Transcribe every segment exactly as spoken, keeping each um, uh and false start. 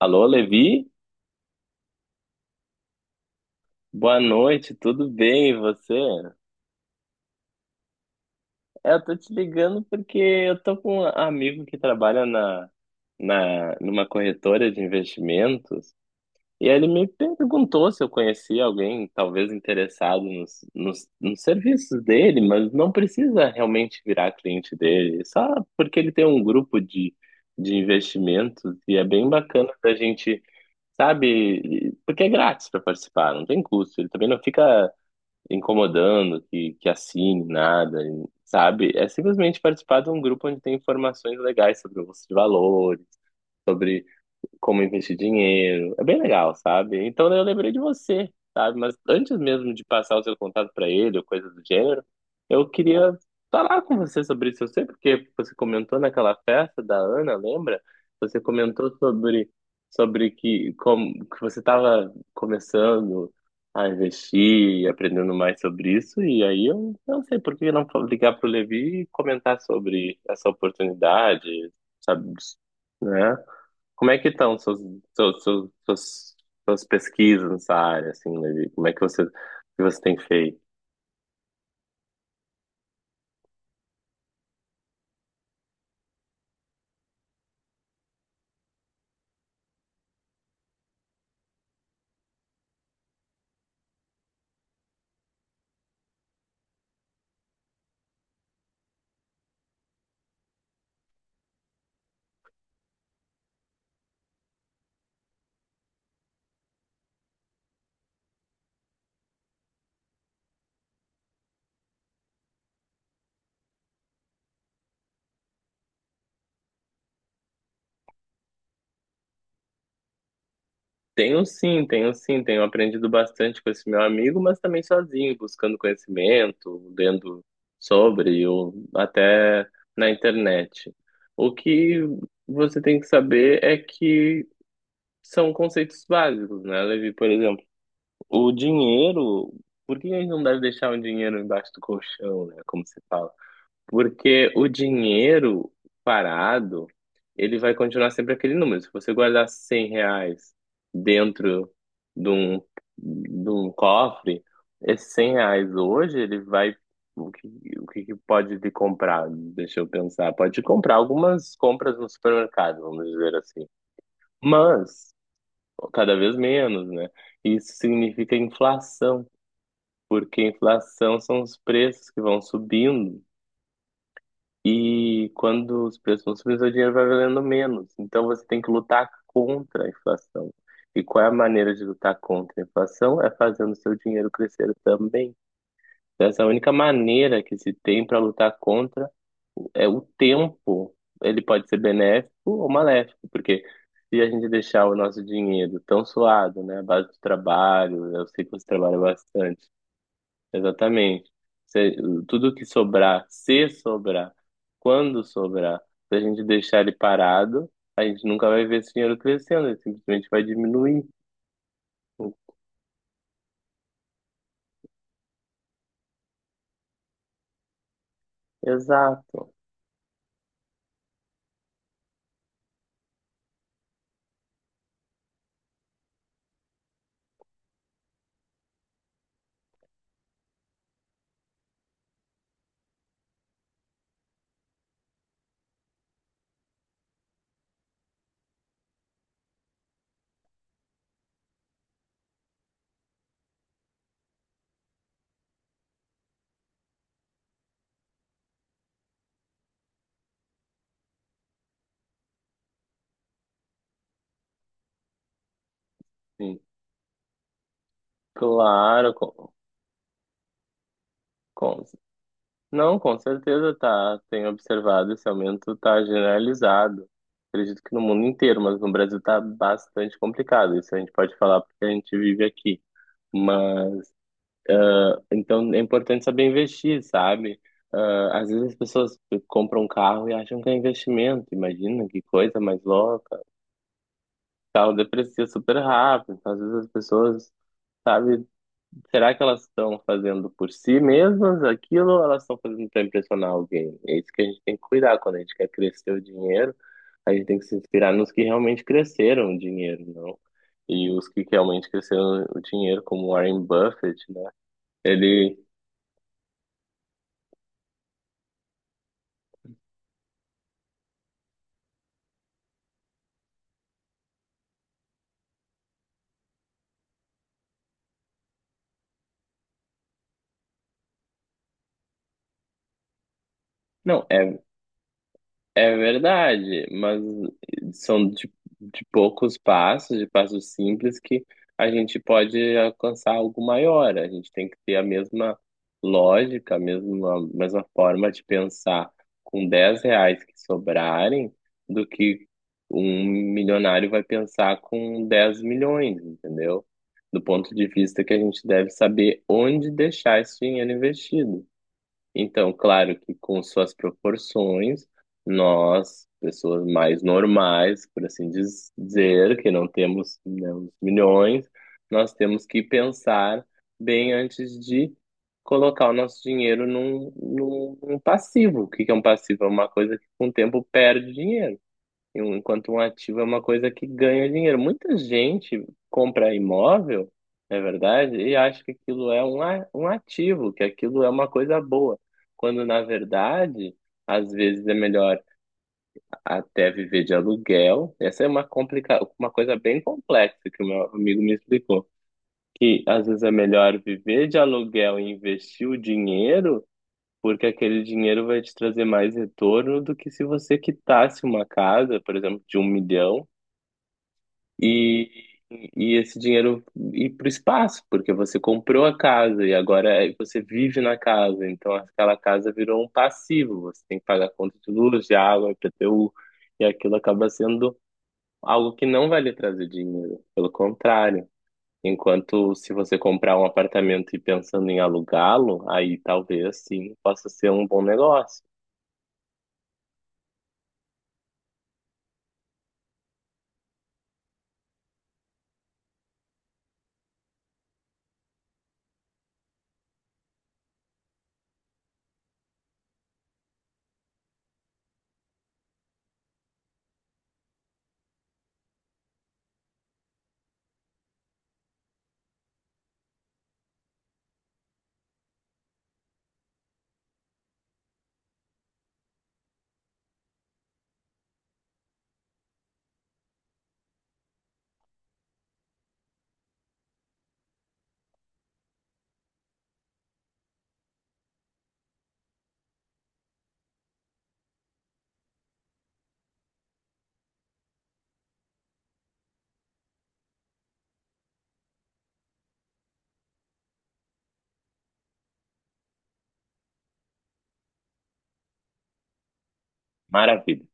Alô, Levi? Boa noite, tudo bem, e você? É, Eu tô te ligando porque eu tô com um amigo que trabalha na, na, numa corretora de investimentos e ele me perguntou se eu conhecia alguém talvez interessado nos, nos, nos serviços dele, mas não precisa realmente virar cliente dele, só porque ele tem um grupo de, de investimentos e é bem bacana da gente. Sabe? Porque é grátis para participar, não tem custo. Ele também não fica incomodando que, que assine nada, sabe? É simplesmente participar de um grupo onde tem informações legais sobre bolsa de valores, sobre como investir dinheiro. É bem legal, sabe? Então eu lembrei de você, sabe? Mas antes mesmo de passar o seu contato para ele ou coisa do gênero, eu queria falar com você sobre isso. Eu sei porque você comentou naquela festa da Ana, lembra? Você comentou sobre sobre que como que você estava começando a investir e aprendendo mais sobre isso e aí eu não sei por que não ligar para o Levi e comentar sobre essa oportunidade, sabe, né? Como é que estão suas, suas, suas, suas- suas pesquisas nessa área, assim, Levi? Como é que você, que você tem feito? Tenho sim, tenho sim, tenho aprendido bastante com esse meu amigo, mas também sozinho, buscando conhecimento, lendo sobre, ou até na internet. O que você tem que saber é que são conceitos básicos, né, Levi? Por exemplo, o dinheiro, por que a gente não deve deixar o dinheiro embaixo do colchão, né, como se fala? Porque o dinheiro parado, ele vai continuar sempre aquele número. Se você guardar cem reais dentro de um, de um cofre, esses cem reais hoje, ele vai. O que, o que que pode te comprar? Deixa eu pensar. Pode te comprar algumas compras no supermercado, vamos dizer assim. Mas, cada vez menos, né? Isso significa inflação, porque inflação são os preços que vão subindo. E quando os preços vão subindo, seu dinheiro vai valendo menos. Então você tem que lutar contra a inflação. E qual é a maneira de lutar contra a inflação? É fazendo seu dinheiro crescer também. Então, essa é a única maneira que se tem para lutar contra é o tempo. Ele pode ser benéfico ou maléfico, porque se a gente deixar o nosso dinheiro tão suado, né, à base de trabalho, eu sei que você trabalha bastante. Exatamente. Se- tudo que sobrar, se sobrar, quando sobrar, se a gente deixar ele parado, a gente nunca vai ver esse dinheiro crescendo, ele simplesmente vai diminuir. Exato. Sim. Claro, com, com- não, com certeza tá. Tenho observado esse aumento tá generalizado. Acredito que no mundo inteiro, mas no Brasil tá bastante complicado. Isso a gente pode falar porque a gente vive aqui. Então é importante saber investir, sabe? Ah, às vezes as pessoas compram um carro e acham que é investimento, imagina que coisa mais louca. O carro deprecia super rápido, então, às vezes as pessoas, sabe, será que elas estão fazendo por si mesmas aquilo ou elas estão fazendo para impressionar alguém? É isso que a gente tem que cuidar quando a gente quer crescer o dinheiro, a gente tem que se inspirar nos que realmente cresceram o dinheiro, não? E os que realmente cresceram o dinheiro, como Warren Buffett, né? Ele. Não, é É verdade, mas são de, de poucos passos, de passos simples, que a gente pode alcançar algo maior. A gente tem que ter a mesma lógica, a mesma, mesma forma de pensar com dez reais que sobrarem do que um milionário vai pensar com dez milhões, entendeu? Do ponto de vista que a gente deve saber onde deixar esse dinheiro investido. Então, claro que com suas proporções, nós, pessoas mais normais, por assim diz- dizer, que não temos, né, os milhões, nós temos que pensar bem antes de colocar o nosso dinheiro num, num, num passivo. O que que é um passivo? É uma coisa que com o tempo perde dinheiro. E um- Enquanto um ativo é uma coisa que ganha dinheiro. Muita gente compra imóvel, não é verdade, e acha que aquilo é um, a- um ativo, que aquilo é uma coisa boa. Quando, na verdade, às vezes é melhor até viver de aluguel. Essa é uma, complica... uma coisa bem complexa que o meu amigo me explicou. Que às vezes é melhor viver de aluguel e investir o dinheiro, porque aquele dinheiro vai te trazer mais retorno do que se você quitasse uma casa, por exemplo, de um milhão e, e esse dinheiro ir para o espaço, porque você comprou a casa e agora é- você vive na casa, então aquela casa virou um passivo, você tem que pagar conta de luz, de água, I P T U, e aquilo acaba sendo algo que não vai lhe trazer dinheiro, pelo contrário. Enquanto se você comprar um apartamento e pensando em alugá-lo, aí talvez sim possa ser um bom negócio. Maravilha.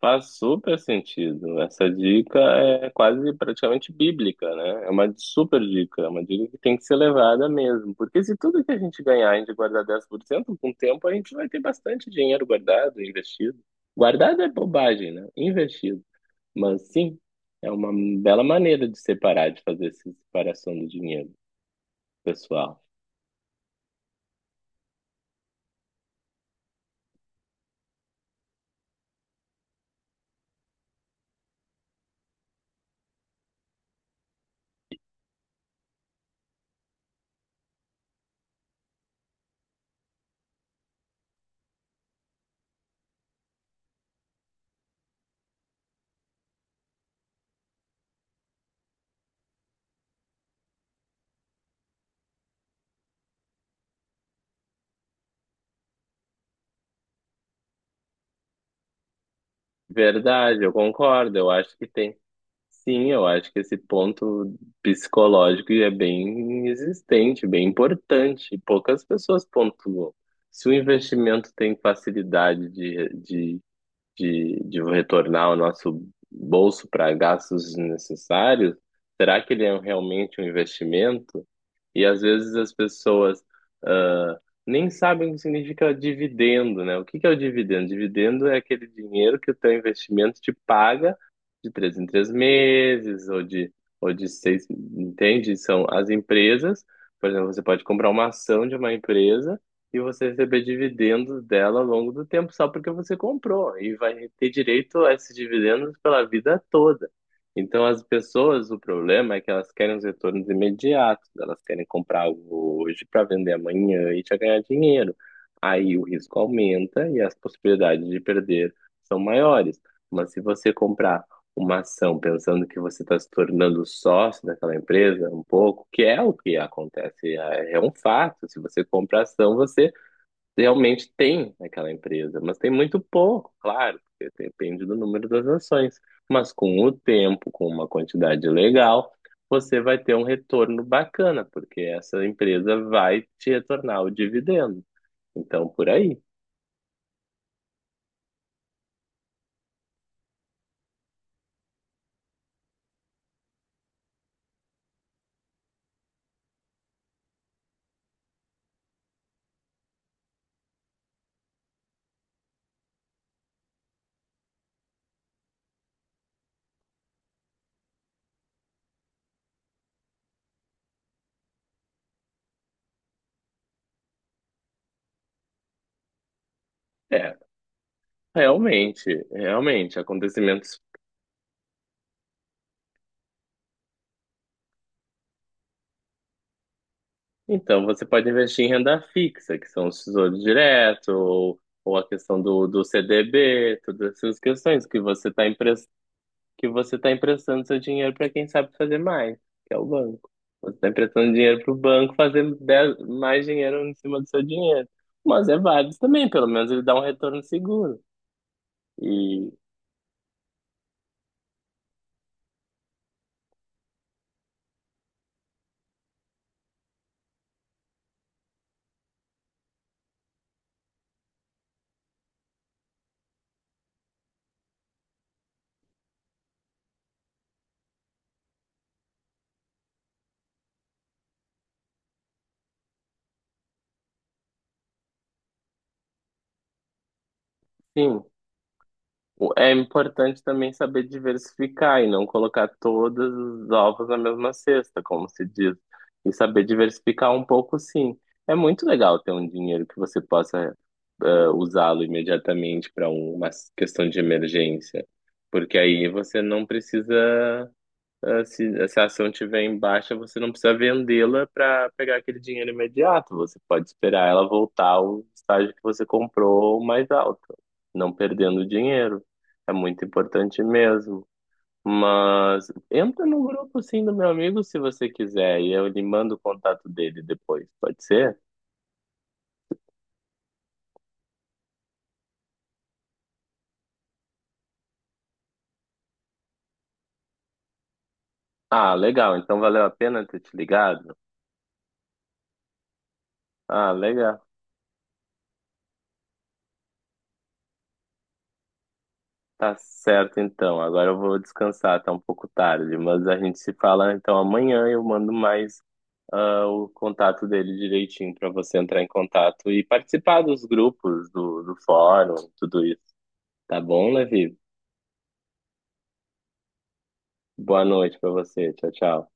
Faz super sentido. Essa dica é quase praticamente bíblica, né? É uma super dica, é uma dica que tem que ser levada mesmo. Porque se tudo que a gente ganhar, a gente guardar dez por cento com o tempo a gente vai ter bastante dinheiro guardado, investido. Guardado é bobagem, né? Investido. Mas sim, é uma bela maneira de separar, de fazer essa separação do dinheiro pessoal. Verdade, eu concordo. Eu acho que tem. Sim, eu acho que esse ponto psicológico é bem existente, bem importante. E poucas pessoas pontuam. Se o investimento tem facilidade de, de, de retornar o nosso bolso para gastos desnecessários, será que ele é um, realmente um investimento? E às vezes as pessoas ah, nem sabem o que significa dividendo, né? O que que é o dividendo? Dividendo é aquele dinheiro que o teu investimento te paga de três em três meses ou de, ou de seis, entende? São as empresas, por exemplo, você pode comprar uma ação de uma empresa e você receber dividendos dela ao longo do tempo só porque você comprou e vai ter direito a esses dividendos pela vida toda. Então, as pessoas, o problema é que elas querem os retornos imediatos, elas querem comprar algo hoje para vender amanhã e já ganhar dinheiro. Aí o risco aumenta e as possibilidades de perder são maiores. Mas se você comprar uma ação pensando que você está se tornando sócio daquela empresa, um pouco, que é o que acontece, é é um fato. Se você compra ação, você realmente tem naquela empresa, mas tem muito pouco, claro, porque depende do número das ações. Mas com o tempo, com uma quantidade legal, você vai ter um retorno bacana, porque essa empresa vai te retornar o dividendo. Então, por aí. É, realmente, realmente, acontecimentos. Então, você pode investir em renda fixa, que são os tesouros diretos, ou, ou a questão do, do C D B, todas essas questões que você está que você está emprestando seu dinheiro para quem sabe fazer mais, que é o banco. Você está emprestando dinheiro para o banco fazer dez- mais dinheiro em cima do seu dinheiro. Mas é válido também, pelo menos ele dá um retorno seguro. E, sim, O- é importante também saber diversificar e não colocar todos os ovos na mesma cesta, como se diz. E saber diversificar um pouco, sim. É muito legal ter um dinheiro que você possa eh, usá-lo imediatamente para uma questão de emergência, porque aí você não precisa. Ah, Se, se a ação tiver em baixa, você não precisa vendê-la para pegar aquele dinheiro imediato. Você pode esperar ela voltar ao estágio que você comprou mais alto, não perdendo dinheiro. É muito importante mesmo. Mas entra no grupo sim do meu amigo se você quiser e eu lhe mando o contato dele depois, pode ser? Ah, legal. Então valeu a pena ter te ligado? Ah, legal. Tá certo, então. Agora eu vou descansar, tá um pouco tarde, mas a gente se fala então amanhã. Eu mando mais ah, o contato dele direitinho para você entrar em contato e participar dos grupos, do, do fórum, tudo isso. Tá bom, Levi? Boa noite para você. Tchau, tchau.